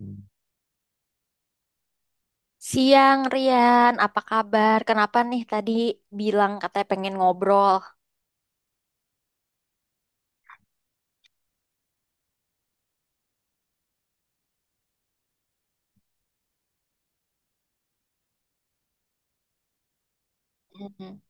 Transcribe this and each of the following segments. Hmm. Siang Rian, apa kabar? Kenapa nih tadi bilang katanya pengen ngobrol? Mhm.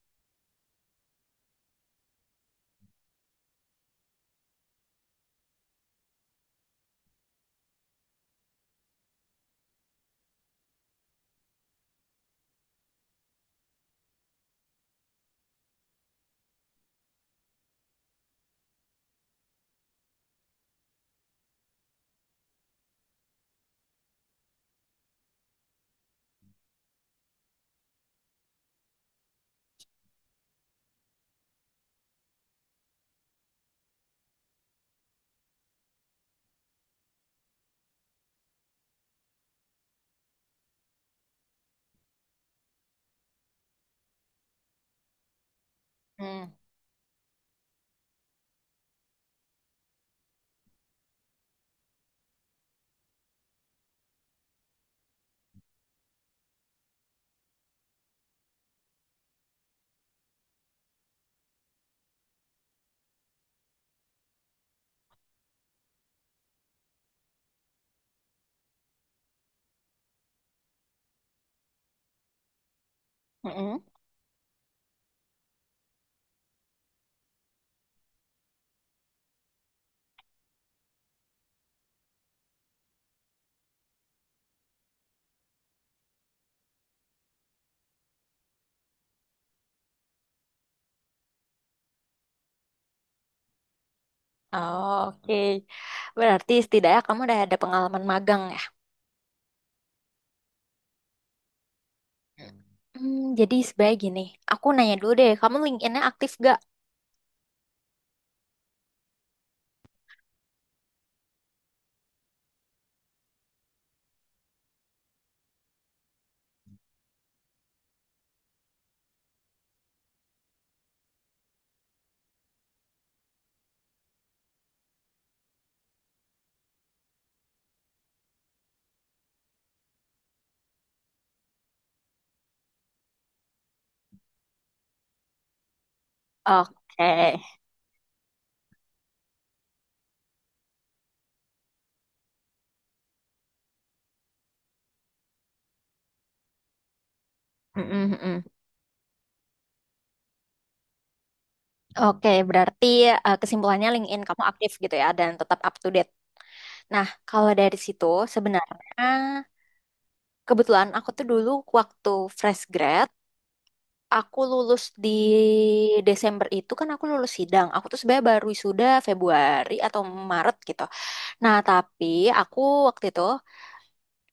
Mm-mm. Oh, oke, berarti setidaknya kamu udah ada pengalaman magang ya? Hmm, jadi sebaik gini, aku nanya dulu deh, kamu LinkedIn-nya aktif gak? Oke. Mm-mm, mm-mm. Oke, berarti kesimpulannya LinkedIn kamu aktif gitu ya dan tetap up to date. Nah, kalau dari situ sebenarnya kebetulan aku tuh dulu waktu fresh grad. Aku lulus di Desember itu kan aku lulus sidang. Aku tuh sebenarnya baru wisuda Februari atau Maret gitu. Nah, tapi aku waktu itu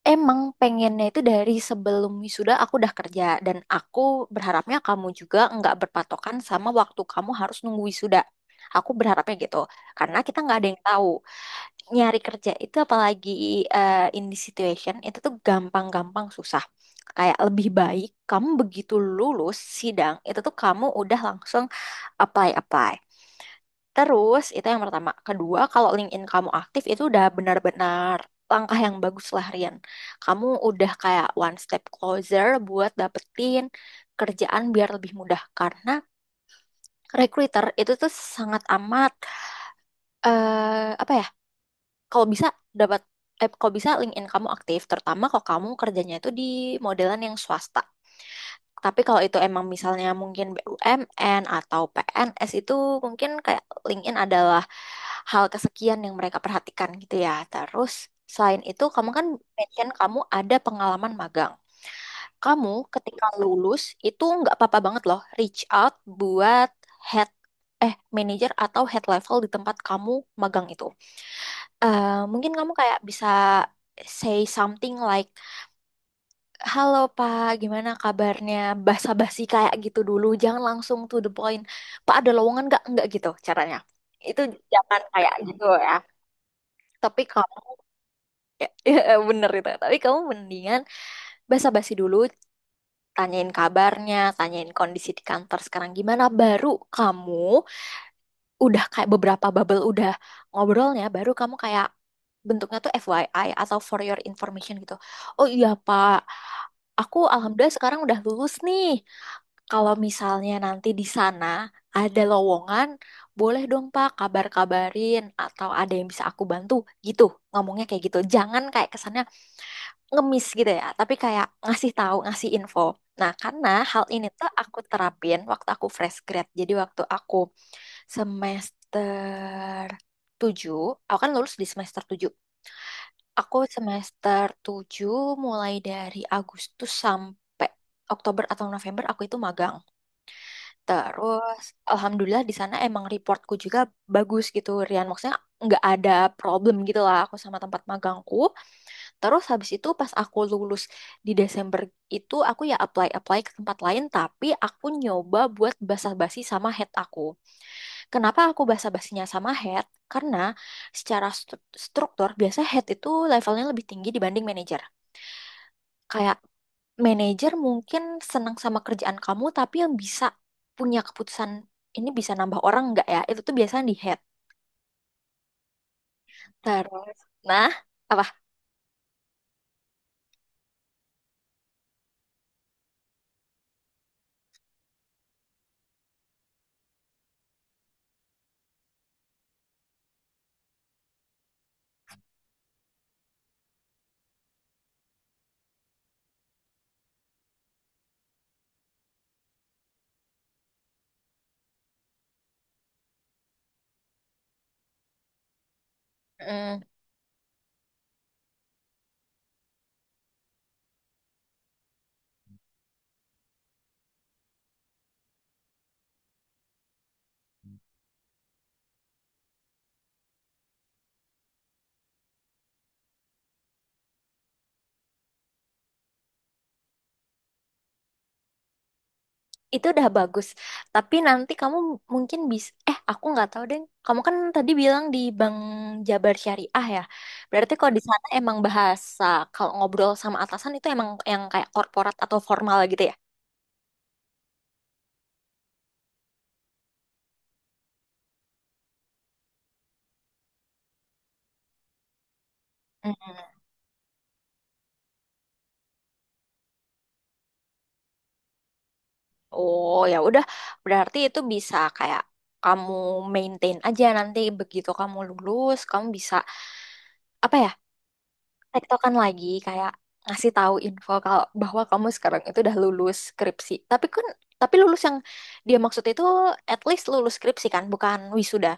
emang pengennya itu dari sebelum wisuda aku udah kerja dan aku berharapnya kamu juga nggak berpatokan sama waktu kamu harus nunggu wisuda. Aku berharapnya gitu. Karena kita nggak ada yang tahu nyari kerja itu apalagi in this situation itu tuh gampang-gampang susah. Kayak lebih baik kamu begitu lulus sidang itu tuh kamu udah langsung apply-apply. Terus itu yang pertama. Kedua, kalau LinkedIn kamu aktif itu udah benar-benar langkah yang bagus lah Rian. Kamu udah kayak one step closer buat dapetin kerjaan biar lebih mudah karena recruiter itu tuh sangat amat apa ya, kalau bisa dapat, kalau bisa LinkedIn kamu aktif, terutama kalau kamu kerjanya itu di modelan yang swasta. Tapi kalau itu emang misalnya mungkin BUMN atau PNS itu mungkin kayak LinkedIn adalah hal kesekian yang mereka perhatikan gitu ya. Terus selain itu kamu kan mention kamu ada pengalaman magang. Kamu ketika lulus itu nggak apa-apa banget loh reach out buat head, manager atau head level di tempat kamu magang itu. Eh, Mungkin kamu kayak bisa say something like halo Pak, gimana kabarnya? Basa-basi kayak gitu dulu, jangan langsung to the point. Pak ada lowongan nggak? Nggak gitu caranya. Itu jangan kayak gitu ya. Tapi kamu ya, ya, bener itu. Tapi kamu mendingan basa-basi dulu, tanyain kabarnya, tanyain kondisi di kantor sekarang gimana, baru kamu udah kayak beberapa bubble udah ngobrolnya baru kamu kayak bentuknya tuh FYI atau for your information gitu. Oh iya Pak, aku alhamdulillah sekarang udah lulus nih. Kalau misalnya nanti di sana ada lowongan, boleh dong Pak kabar-kabarin atau ada yang bisa aku bantu gitu. Ngomongnya kayak gitu. Jangan kayak kesannya ngemis gitu ya, tapi kayak ngasih tahu, ngasih info. Nah, karena hal ini tuh aku terapin waktu aku fresh grad. Jadi waktu aku semester 7, aku kan lulus di semester 7. Aku semester tujuh mulai dari Agustus sampai Oktober atau November aku itu magang. Terus alhamdulillah di sana emang reportku juga bagus gitu, Rian. Maksudnya nggak ada problem gitu lah aku sama tempat magangku. Terus habis itu pas aku lulus di Desember itu aku ya apply-apply ke tempat lain tapi aku nyoba buat basa-basi sama head aku. Kenapa aku basa-basinya sama head? Karena secara struktur biasa head itu levelnya lebih tinggi dibanding manager. Kayak manager mungkin senang sama kerjaan kamu tapi yang bisa punya keputusan ini bisa nambah orang nggak ya? Itu tuh biasanya di head. Terus, nah, apa? Hmm. Itu udah bagus. Tapi nanti kamu mungkin bisa, aku nggak tahu deh. Kamu kan tadi bilang di Bank Jabar Syariah ya. Berarti kalau di sana emang bahasa kalau ngobrol sama atasan itu emang yang kayak korporat atau formal gitu ya? Mm. Oh ya udah, berarti itu bisa kayak kamu maintain aja nanti begitu kamu lulus, kamu bisa apa ya, tektokan lagi kayak ngasih tahu info kalau bahwa kamu sekarang itu udah lulus skripsi. Tapi lulus yang dia maksud itu at least lulus skripsi kan, bukan wisuda.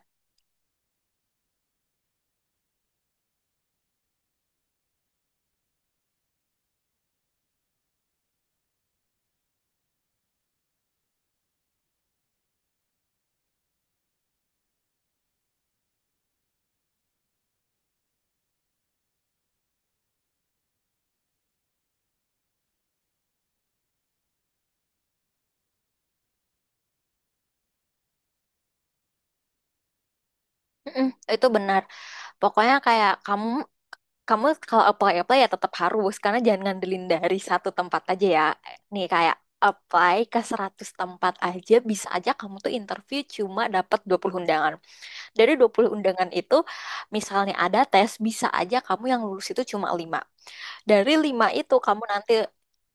Mm-mm, itu benar. Pokoknya kayak kamu, kalau apply apply ya tetap harus karena jangan ngandelin dari satu tempat aja ya. Nih kayak apply ke 100 tempat aja bisa aja kamu tuh interview cuma dapat 20 undangan. Dari 20 undangan itu misalnya ada tes bisa aja kamu yang lulus itu cuma 5. Dari lima itu kamu nanti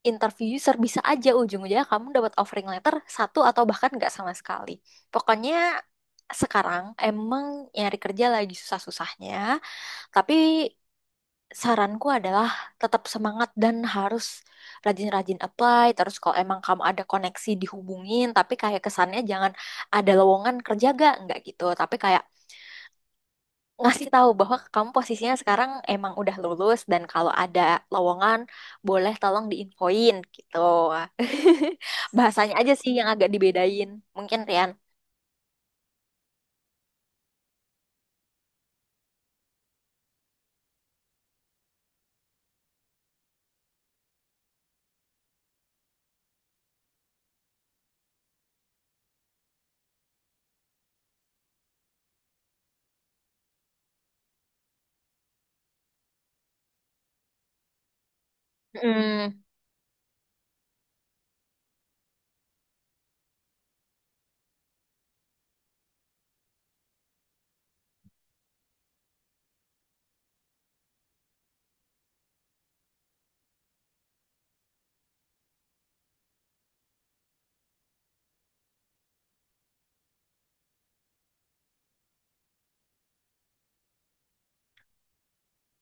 interview user bisa aja ujung-ujungnya kamu dapat offering letter satu atau bahkan nggak sama sekali. Pokoknya sekarang emang nyari kerja lagi susah-susahnya, tapi saranku adalah tetap semangat dan harus rajin-rajin apply. Terus kalau emang kamu ada koneksi dihubungin, tapi kayak kesannya jangan ada lowongan kerja gak? Nggak gitu. Tapi kayak ngasih tahu bahwa kamu posisinya sekarang emang udah lulus dan kalau ada lowongan boleh tolong diinfoin gitu. Bahasanya aja sih yang agak dibedain. Mungkin Rian. Hmm,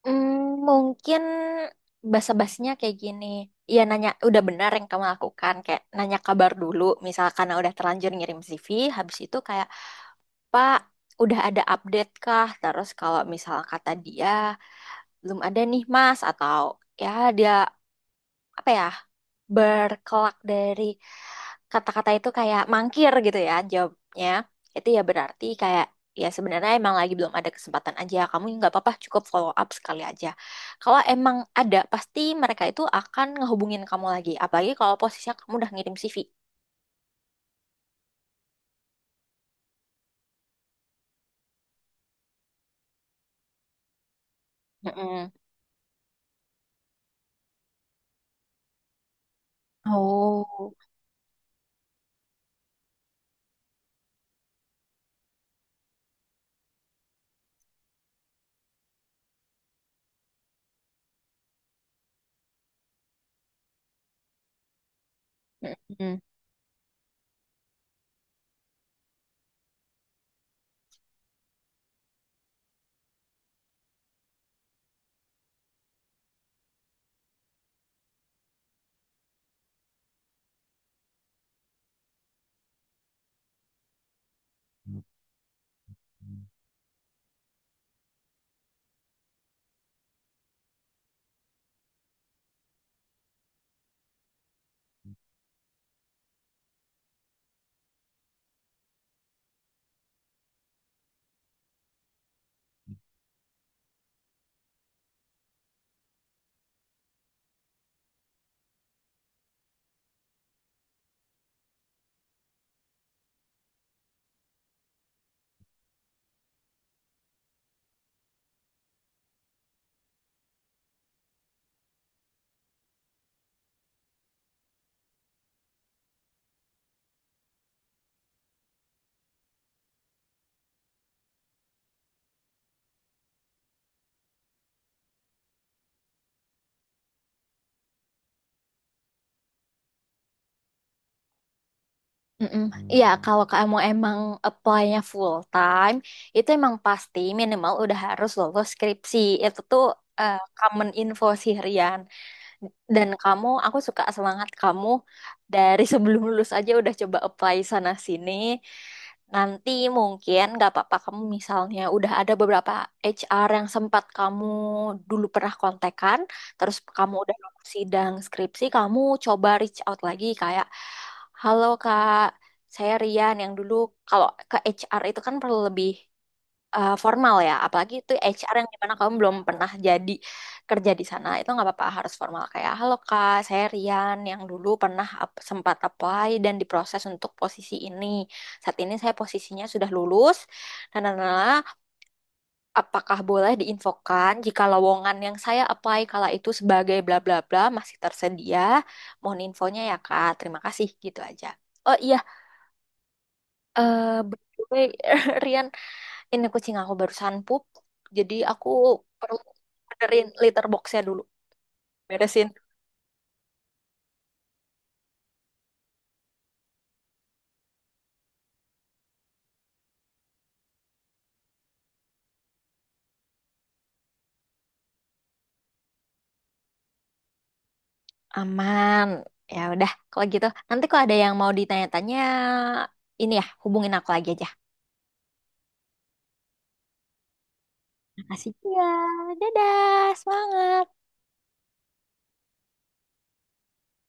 hmm, mungkin basa-basinya kayak gini. Ya nanya udah benar yang kamu lakukan kayak nanya kabar dulu misalkan udah terlanjur ngirim CV habis itu kayak Pak udah ada update kah? Terus kalau misal kata dia belum ada nih Mas atau ya dia apa ya berkelak dari kata-kata itu kayak mangkir gitu ya jawabnya, itu ya berarti kayak ya sebenarnya emang lagi belum ada kesempatan aja, kamu nggak apa-apa cukup follow up sekali aja. Kalau emang ada pasti mereka itu akan ngehubungin kamu lagi apalagi kalau posisinya kamu udah ngirim CV. Mm-mm. Oh. Mm-mm. Mm-mm. Iya, kalau kamu emang apply-nya full time, itu emang pasti minimal udah harus lolos skripsi. Itu tuh common info sih, Rian. Dan kamu, aku suka semangat kamu dari sebelum lulus aja udah coba apply sana sini. Nanti mungkin nggak apa-apa kamu misalnya udah ada beberapa HR yang sempat kamu dulu pernah kontekan, terus kamu udah lulus sidang skripsi, kamu coba reach out lagi kayak, halo kak, saya Rian yang dulu, kalau ke HR itu kan perlu lebih formal ya, apalagi itu HR yang dimana kamu belum pernah jadi kerja di sana, itu nggak apa-apa harus formal kayak halo kak, saya Rian yang dulu pernah sempat apply dan diproses untuk posisi ini. Saat ini saya posisinya sudah lulus dan apakah boleh diinfokan jika lowongan yang saya apply kala itu sebagai bla bla bla masih tersedia? Mohon infonya ya kak, terima kasih gitu aja. Oh iya, by the way, Rian ini kucing aku barusan pup, jadi aku perlu benerin litter boxnya dulu, beresin. Aman. Ya udah, kalau gitu nanti kalau ada yang mau ditanya-tanya, ini ya hubungin aku lagi aja. Makasih. Ya, dadah, semangat.